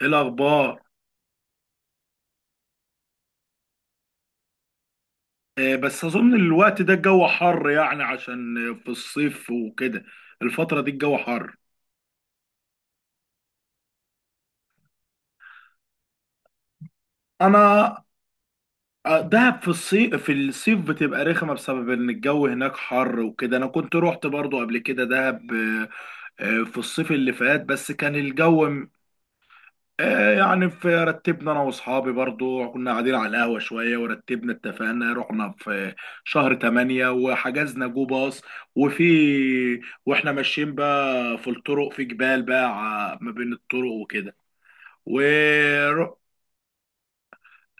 ايه الاخبار؟ بس اظن الوقت ده الجو حر يعني عشان في الصيف وكده. الفتره دي الجو حر. انا دهب في الصيف بتبقى رخمه بسبب ان الجو هناك حر وكده. انا كنت روحت برضو قبل كده دهب. في الصيف اللي فات بس كان الجو. يعني رتبنا انا واصحابي برضو، كنا قاعدين على القهوه شويه ورتبنا، اتفقنا رحنا في شهر 8 وحجزنا جو باص. وفي واحنا ماشيين بقى في الطرق، في جبال بقى، ما بين الطرق وكده. و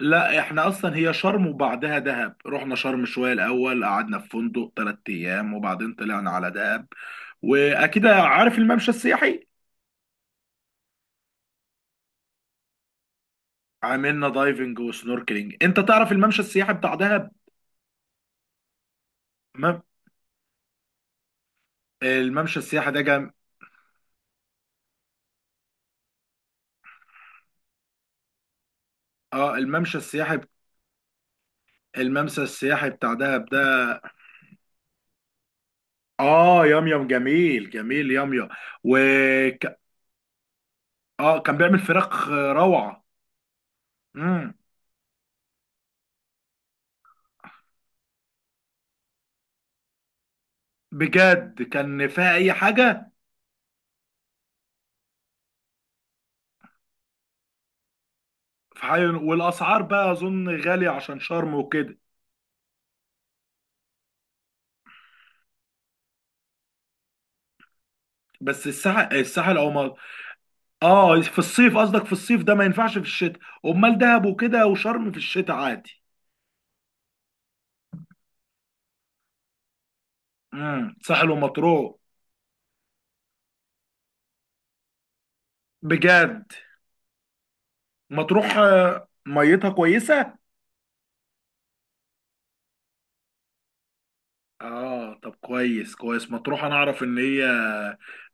لا، احنا اصلا هي شرم وبعدها دهب. رحنا شرم شويه الاول، قعدنا في فندق 3 ايام وبعدين طلعنا على دهب. واكيد عارف الممشى السياحي. عملنا دايفنج وسنوركلينج. انت تعرف الممشى السياحي بتاع دهب؟ الممشى السياحي ده جم... اه، الممشى السياحي بتاع دهب ده. اه، ياميام، جميل جميل ياميام. و ك- اه، كان بيعمل فراخ روعة. امم. بجد كان فيها اي حاجة. والاسعار بقى اظن غالية عشان شرم وكده. بس الساحل، او ما. اه، في الصيف قصدك، في الصيف ده ما ينفعش في الشتاء. امال دهب وكده وشرم في الشتاء عادي. ساحل ومطروح. بجد مطروح، ميتها كويسة. اه، طب كويس كويس مطروح. انا اعرف ان هي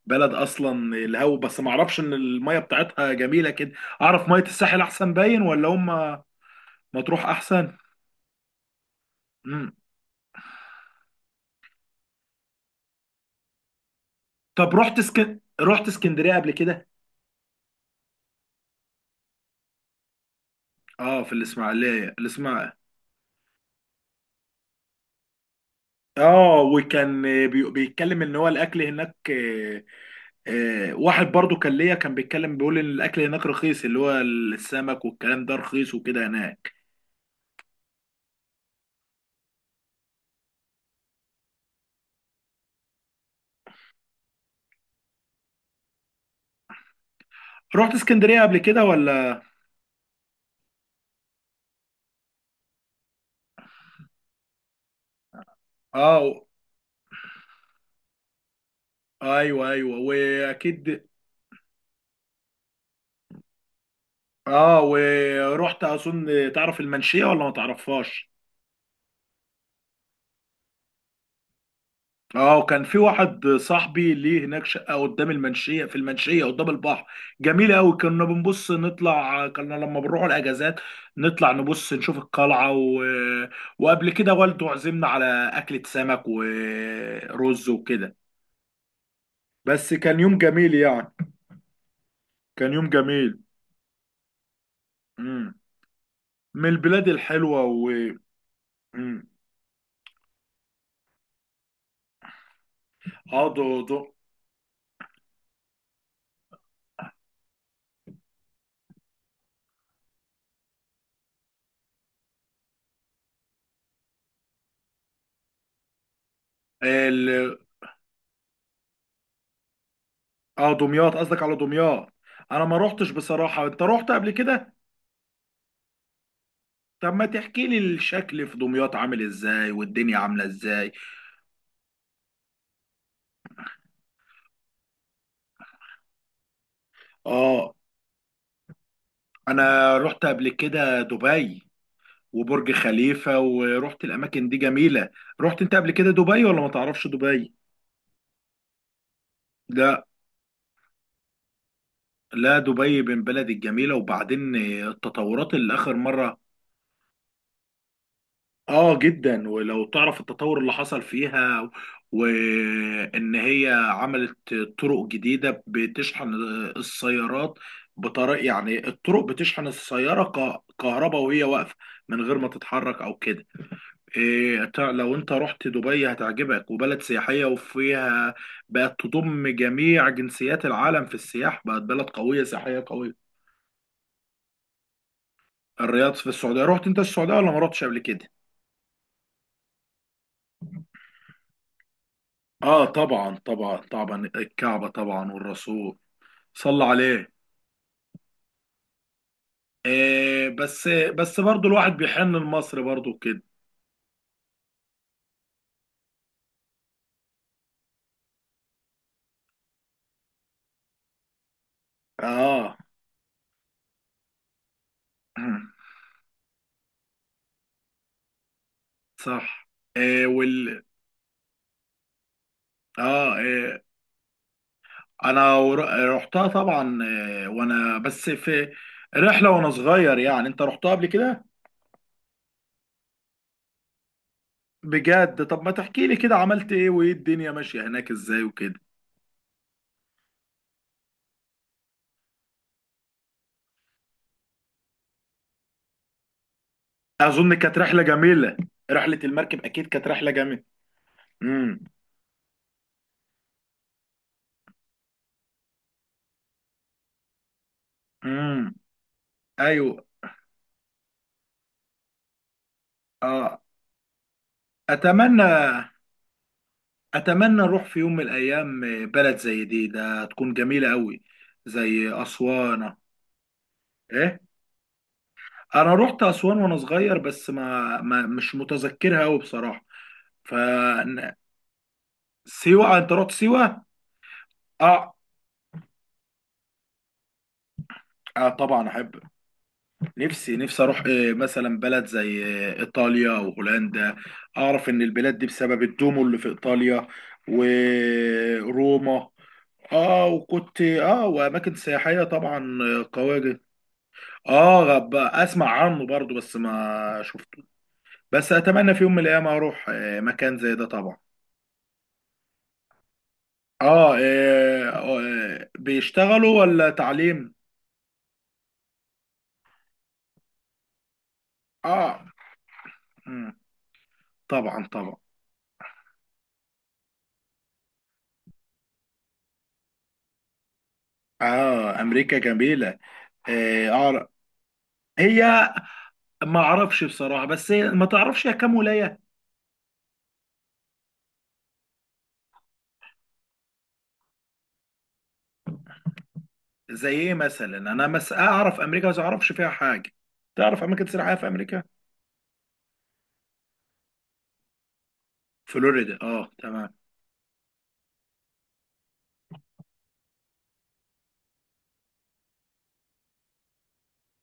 بلد اصلا الهو، بس ما اعرفش ان الميه بتاعتها جميله كده. اعرف ميه الساحل احسن، باين ولا هم مطروح احسن. امم طب رحت اسكندريه قبل كده. اه، في الاسماعيليه اه، وكان بيتكلم ان هو الاكل هناك. واحد برضو كان ليا، كان بيتكلم بيقول ان الاكل هناك رخيص، اللي هو السمك والكلام ده رخيص وكده هناك. رحت اسكندريه قبل كده ولا؟ اه، ايوه، ايوه، واكيد. اه، ورحت اظن تعرف المنشيه ولا ما تعرفهاش؟ اه، وكان في واحد صاحبي ليه هناك شقه قدام المنشيه، في المنشيه قدام البحر، جميله قوي. كنا بنبص نطلع، كنا لما بنروح الاجازات نطلع نبص نشوف القلعه وقبل كده والده عزمنا على اكله سمك ورز وكده. بس كان يوم جميل يعني. كان يوم جميل. مم. من البلاد الحلوه. مم. اه، ده. اه، دمياط قصدك، على دمياط انا ما روحتش بصراحة. انت روحت قبل كده؟ طب ما تحكي لي الشكل في دمياط عامل ازاي والدنيا عاملة ازاي. اه، انا روحت قبل كده دبي وبرج خليفة ورحت الاماكن دي جميلة. رحت انت قبل كده دبي ولا ما تعرفش دبي؟ لا، لا، دبي من بلد الجميلة، وبعدين التطورات اللي آخر مرة اه جدا. ولو تعرف التطور اللي حصل فيها وان هي عملت طرق جديدة بتشحن السيارات بطريقة، يعني الطرق بتشحن السيارة كهرباء وهي واقفة، من غير ما تتحرك او كده. لو انت رحت دبي هتعجبك، وبلد سياحية وفيها بقت تضم جميع جنسيات العالم في السياحة، بقت بلد قوية، سياحية قوية. الرياض في السعودية، رحت انت السعودية ولا ما رحتش قبل كده؟ اه، طبعا طبعا طبعا الكعبة طبعا، والرسول صلى عليه. بس برضو الواحد بيحن لمصر برضو كده. اه صح. آه وال اه، انا رحتها طبعا، وانا بس في رحلة وانا صغير يعني. انت رحتها قبل كده؟ بجد، طب ما تحكي لي كده عملت ايه وايه الدنيا ماشية هناك ازاي وكده. اظن كانت رحلة جميلة. رحلة المركب اكيد كانت رحلة جميلة. امم امم ايوه، اه. اتمنى اتمنى اروح في يوم من الايام، بلد زي دي ده تكون جميله قوي زي اسوان. ايه؟ انا رحت اسوان وانا صغير، بس ما مش متذكرها قوي بصراحه. ف سيوه؟ انت رحت سيوه؟ اه، اه، طبعا احب. نفسي نفسي اروح، مثلا بلد زي ايطاليا وهولندا. اعرف ان البلاد دي بسبب الدومو اللي في ايطاليا وروما. اه، وكنت اه واماكن سياحيه طبعا. قويه جدا. اه، غب اسمع عنه برضو بس ما شفته. بس اتمنى في يوم من الايام اروح، مكان زي ده طبعا. اه، بيشتغلوا ولا تعليم؟ اه، مم، طبعا طبعا. اه، امريكا جميله. اه أعرف- هي ما اعرفش بصراحه، بس هي ما تعرفش هي كام ولايه. زي ايه مثلا؟ انا مس اعرف امريكا، بس ما اعرفش فيها حاجه. تعرف اماكن سياحيه في امريكا؟ فلوريدا، اه، تمام.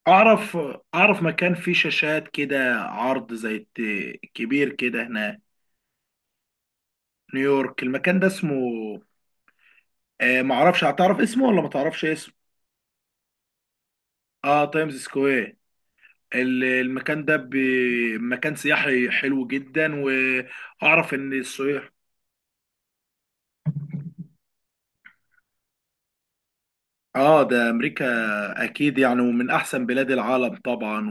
اعرف اعرف مكان فيه شاشات كده عرض زي كبير كده، هنا نيويورك، المكان ده اسمه معرفش. هتعرف اسمه ولا ما تعرفش اسمه؟ اه، تايمز سكوير. المكان ده مكان سياحي حلو جدا. واعرف ان السياح. اه، ده امريكا اكيد يعني، ومن احسن بلاد العالم طبعا.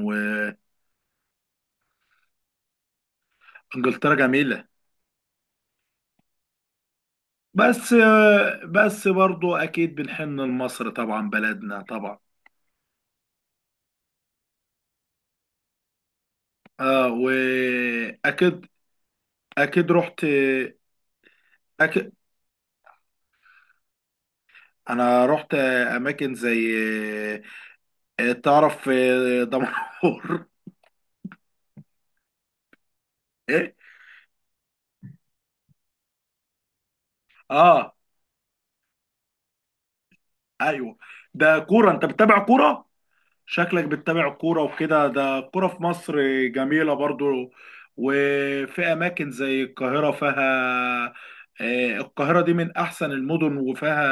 وانجلترا جميلة. بس برضو اكيد بنحن لمصر طبعا، بلدنا طبعا. اه، واكيد اكيد رحت. أكيد انا رحت اماكن زي، تعرف، دمنهور ايه؟ اه، ايوه، ده كوره، انت بتتابع كوره؟ شكلك بتتابع كوره وكده. ده كوره في مصر جميله برضو. وفي اماكن زي القاهره فيها القاهرة دي من أحسن المدن، وفيها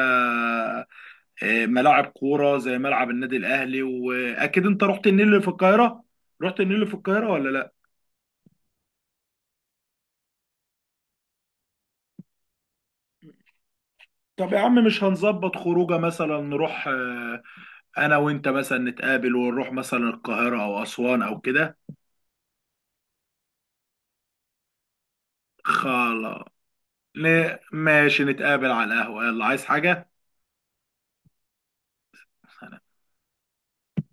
ملاعب كورة زي ملعب النادي الأهلي. وأكيد أنت رحت النيل اللي في القاهرة؟ رحت النيل اللي في القاهرة ولا لأ؟ طب يا عم، مش هنظبط خروجه؟ مثلا نروح، انا وانت مثلا نتقابل ونروح مثلا القاهره او اسوان او كده. خلاص، ماشي، نتقابل على القهوه. يلا عايز حاجه